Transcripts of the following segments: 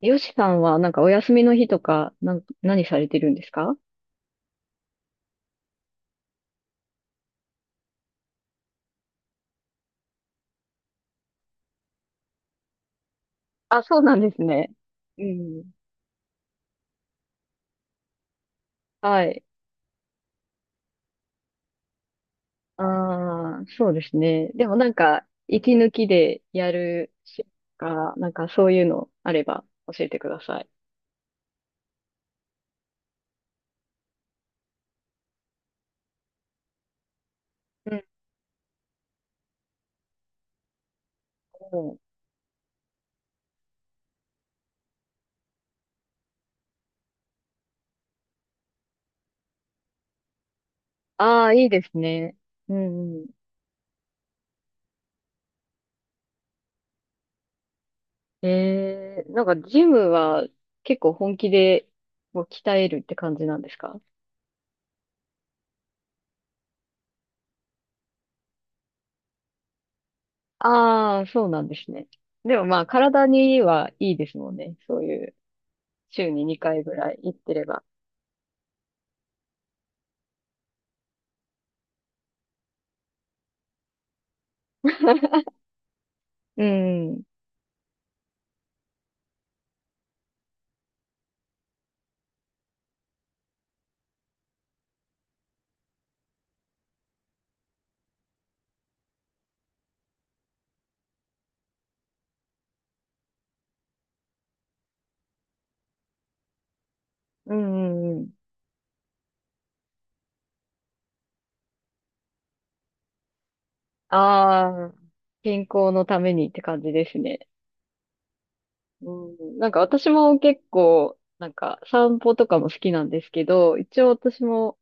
よしさんは、なんかお休みの日とか、何されてるんですか？あ、そうなんですね。うん。はい。ああ、そうですね。でもなんか、息抜きでやるしか、なんかそういうのあれば教えてください。うんうん。ああ、いいですね。うんうん。なんかジムは結構本気でもう鍛えるって感じなんですか？ああー、そうなんですね。でもまあ体にはいいですもんね。そういう。週に2回ぐらい行ってれば。うん。うんうんうん。ああ、健康のためにって感じですね。うん、なんか私も結構、なんか散歩とかも好きなんですけど、一応私も、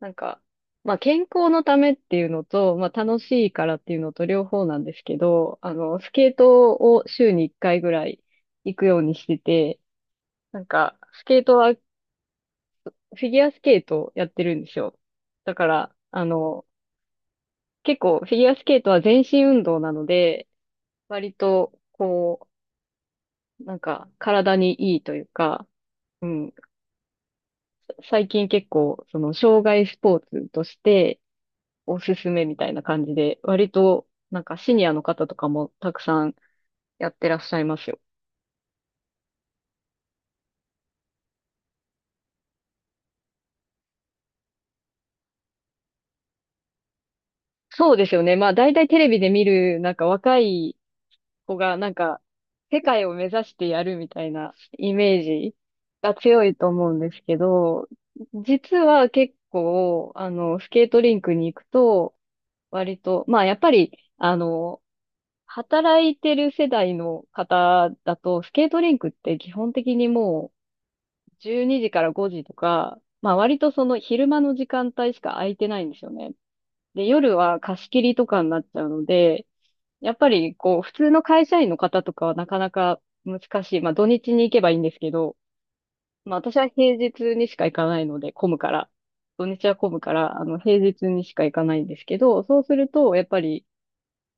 なんか、まあ健康のためっていうのと、まあ楽しいからっていうのと両方なんですけど、あの、スケートを週に1回ぐらい行くようにしてて、なんか、スケートは、フィギュアスケートをやってるんですよ。だから、あの、結構フィギュアスケートは全身運動なので、割と、こう、なんか体にいいというか、うん、最近結構、その、障害スポーツとしておすすめみたいな感じで、割と、なんかシニアの方とかもたくさんやってらっしゃいますよ。そうですよね。まあ、大体テレビで見る、なんか若い子がなんか、世界を目指してやるみたいなイメージが強いと思うんですけど、実は結構、あの、スケートリンクに行くと、割と、まあやっぱり、あの、働いてる世代の方だと、スケートリンクって基本的にもう12時から5時とか、まあ割とその昼間の時間帯しか空いてないんですよね。で、夜は貸し切りとかになっちゃうので、やっぱり、こう、普通の会社員の方とかはなかなか難しい。まあ、土日に行けばいいんですけど、まあ、私は平日にしか行かないので、混むから。土日は混むから、あの、平日にしか行かないんですけど、そうすると、やっぱり、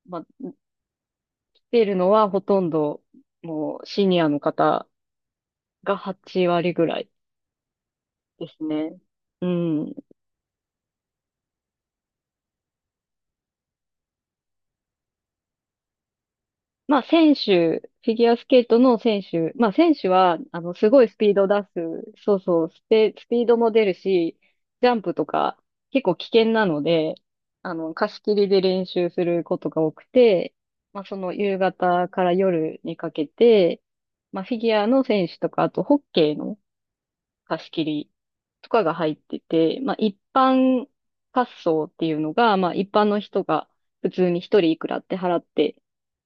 まあ、来ているのはほとんど、もう、シニアの方が8割ぐらいですね。うん。まあ、選手、フィギュアスケートの選手、まあ、選手は、あの、すごいスピードを出す、そうそう、スピードも出るし、ジャンプとか、結構危険なので、あの、貸し切りで練習することが多くて、まあ、その夕方から夜にかけて、まあ、フィギュアの選手とか、あと、ホッケーの貸し切りとかが入ってて、まあ一般滑走っていうのが、まあ一般の人が普通に一人いくらって払って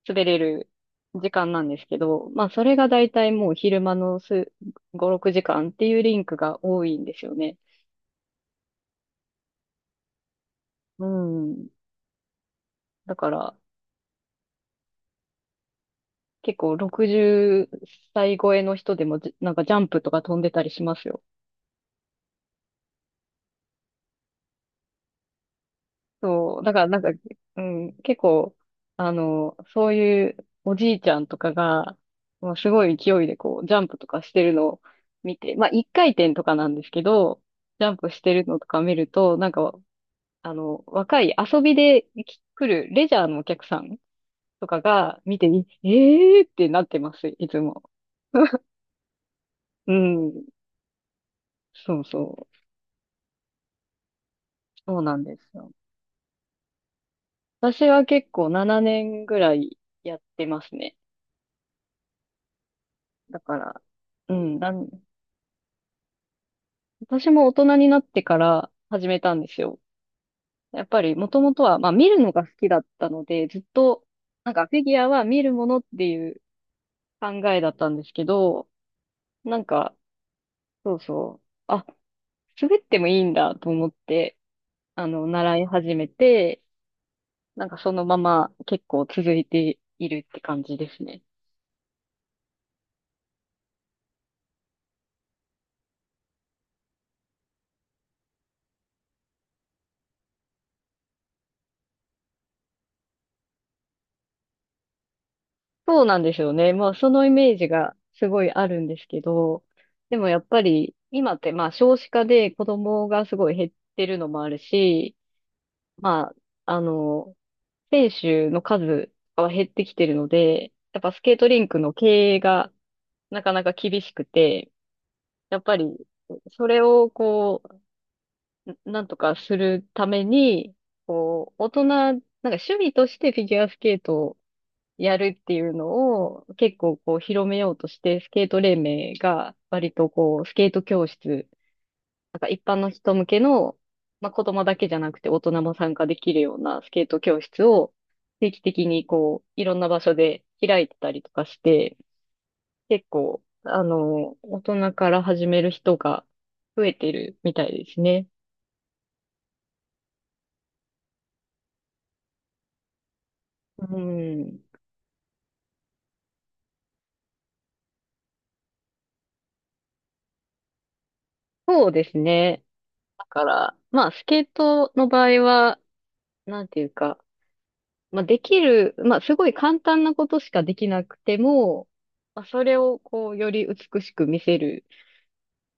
滑れる時間なんですけど、まあそれがだいたいもう昼間の5、6時間っていうリンクが多いんですよね。うん。だから結構60歳超えの人でもなんかジャンプとか飛んでたりしますよ。そう、だからなんか、うん、結構、あの、そういうおじいちゃんとかが、もうすごい勢いでこう、ジャンプとかしてるのを見て、まあ、一回転とかなんですけど、ジャンプしてるのとか見ると、なんか、あの、若い遊びでき来るレジャーのお客さんとかが見て、ええーってなってます、いつも。うん、そうそう、そうなんですよ。私は結構7年ぐらいやってますね。だから、うん、私も大人になってから始めたんですよ。やっぱりもともとは、まあ見るのが好きだったので、ずっと、なんかフィギュアは見るものっていう考えだったんですけど、なんか、そうそう、あ、滑ってもいいんだと思って、あの、習い始めて、なんかそのまま結構続いているって感じですね。そうなんですよね。まあ、そのイメージがすごいあるんですけど、でもやっぱり、今ってまあ、少子化で子供がすごい減ってるのもあるし、まあ、あの、選手の数は減ってきてるので、やっぱスケートリンクの経営がなかなか厳しくて、やっぱり、それをこう、なんとかするために、こう、大人、なんか趣味としてフィギュアスケートをやるっていうのを結構こう広めようとして、スケート連盟が割とこうスケート教室、なんか一般の人向けの、まあ、子供だけじゃなくて大人も参加できるようなスケート教室を定期的にこういろんな場所で開いてたりとかして、結構あの、大人から始める人が増えてるみたいですね。うん。そうですね。だから、まあスケートの場合は、なんていうか、まあ、できる、まあ、すごい簡単なことしかできなくても、まあ、それをこう、より美しく見せる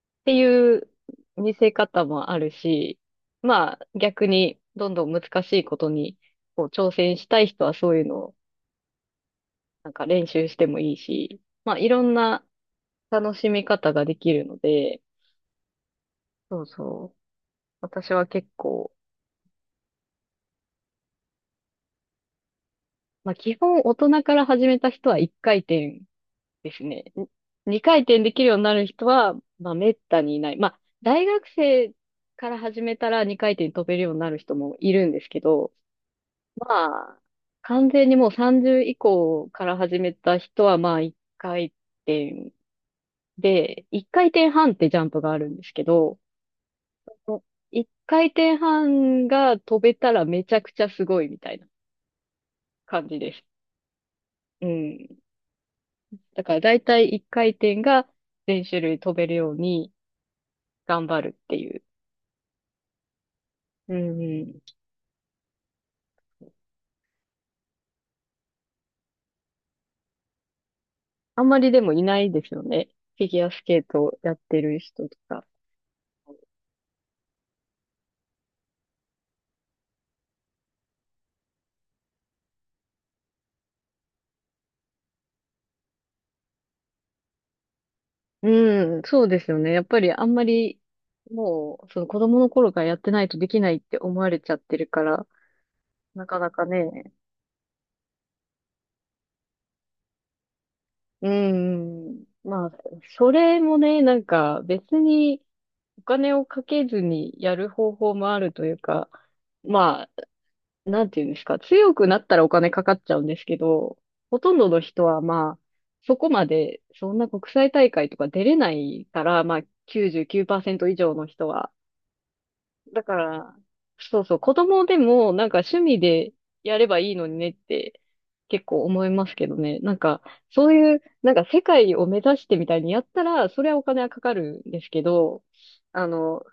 っていう見せ方もあるし、まあ、逆にどんどん難しいことにこう挑戦したい人はそういうのをなんか練習してもいいし、まあ、いろんな楽しみ方ができるので、そうそう。私は結構、まあ、基本大人から始めた人は一回転ですね。二回転できるようになる人は、まあ、めったにいない。まあ、大学生から始めたら二回転飛べるようになる人もいるんですけど、まあ、完全にもう30以降から始めた人は、まあ、一回転で、一回転半ってジャンプがあるんですけど、一回転半が飛べたらめちゃくちゃすごいみたいな感じです。うん。だから大体一回転が全種類飛べるように頑張るっていう、うんうん。あんまりでもいないですよね。フィギュアスケートをやってる人とか。うん、そうですよね。やっぱりあんまり、もう、その子供の頃からやってないとできないって思われちゃってるから、なかなかね。うん。まあ、それもね、なんか別にお金をかけずにやる方法もあるというか、ま、なんていうんですか、強くなったらお金かかっちゃうんですけど、ほとんどの人はまあ、そこまで、そんな国際大会とか出れないから、まあ、99%以上の人は。だから、そうそう、子供でもなんか趣味でやればいいのにねって結構思いますけどね。なんか、そういう、なんか世界を目指してみたいにやったら、それはお金はかかるんですけど、あの、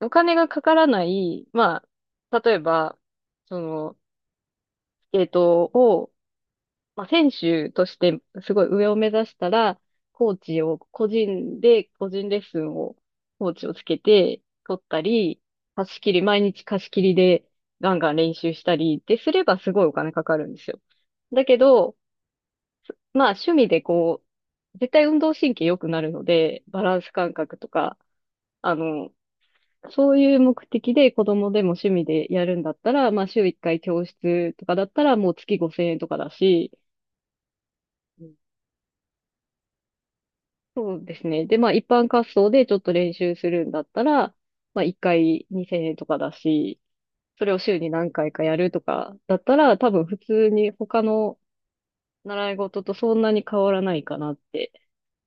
お金がかからない、まあ、例えば、その、スケートをまあ、選手としてすごい上を目指したら、コーチを個人で、個人レッスンを、コーチをつけて取ったり、貸し切り、毎日貸し切りでガンガン練習したりってすればすごいお金かかるんですよ。だけど、まあ趣味でこう、絶対運動神経良くなるので、バランス感覚とか、あの、そういう目的で子供でも趣味でやるんだったら、まあ週1回教室とかだったらもう月5000円とかだし、そうですね。で、まあ一般滑走でちょっと練習するんだったら、まあ一回2000円とかだし、それを週に何回かやるとかだったら、多分普通に他の習い事とそんなに変わらないかなって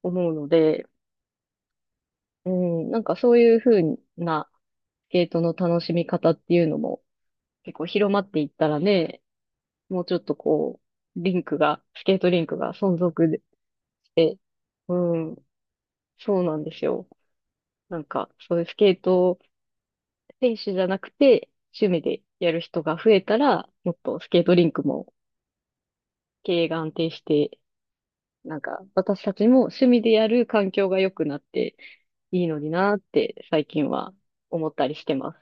思うので、うん、なんかそういう風なスケートの楽しみ方っていうのも結構広まっていったらね、もうちょっとこう、リンクが、スケートリンクが存続で、うん、そうなんですよ。なんかそういうスケート選手じゃなくて、趣味でやる人が増えたら、もっとスケートリンクも経営が安定して、なんか私たちも趣味でやる環境が良くなっていいのになーって最近は思ったりしてます。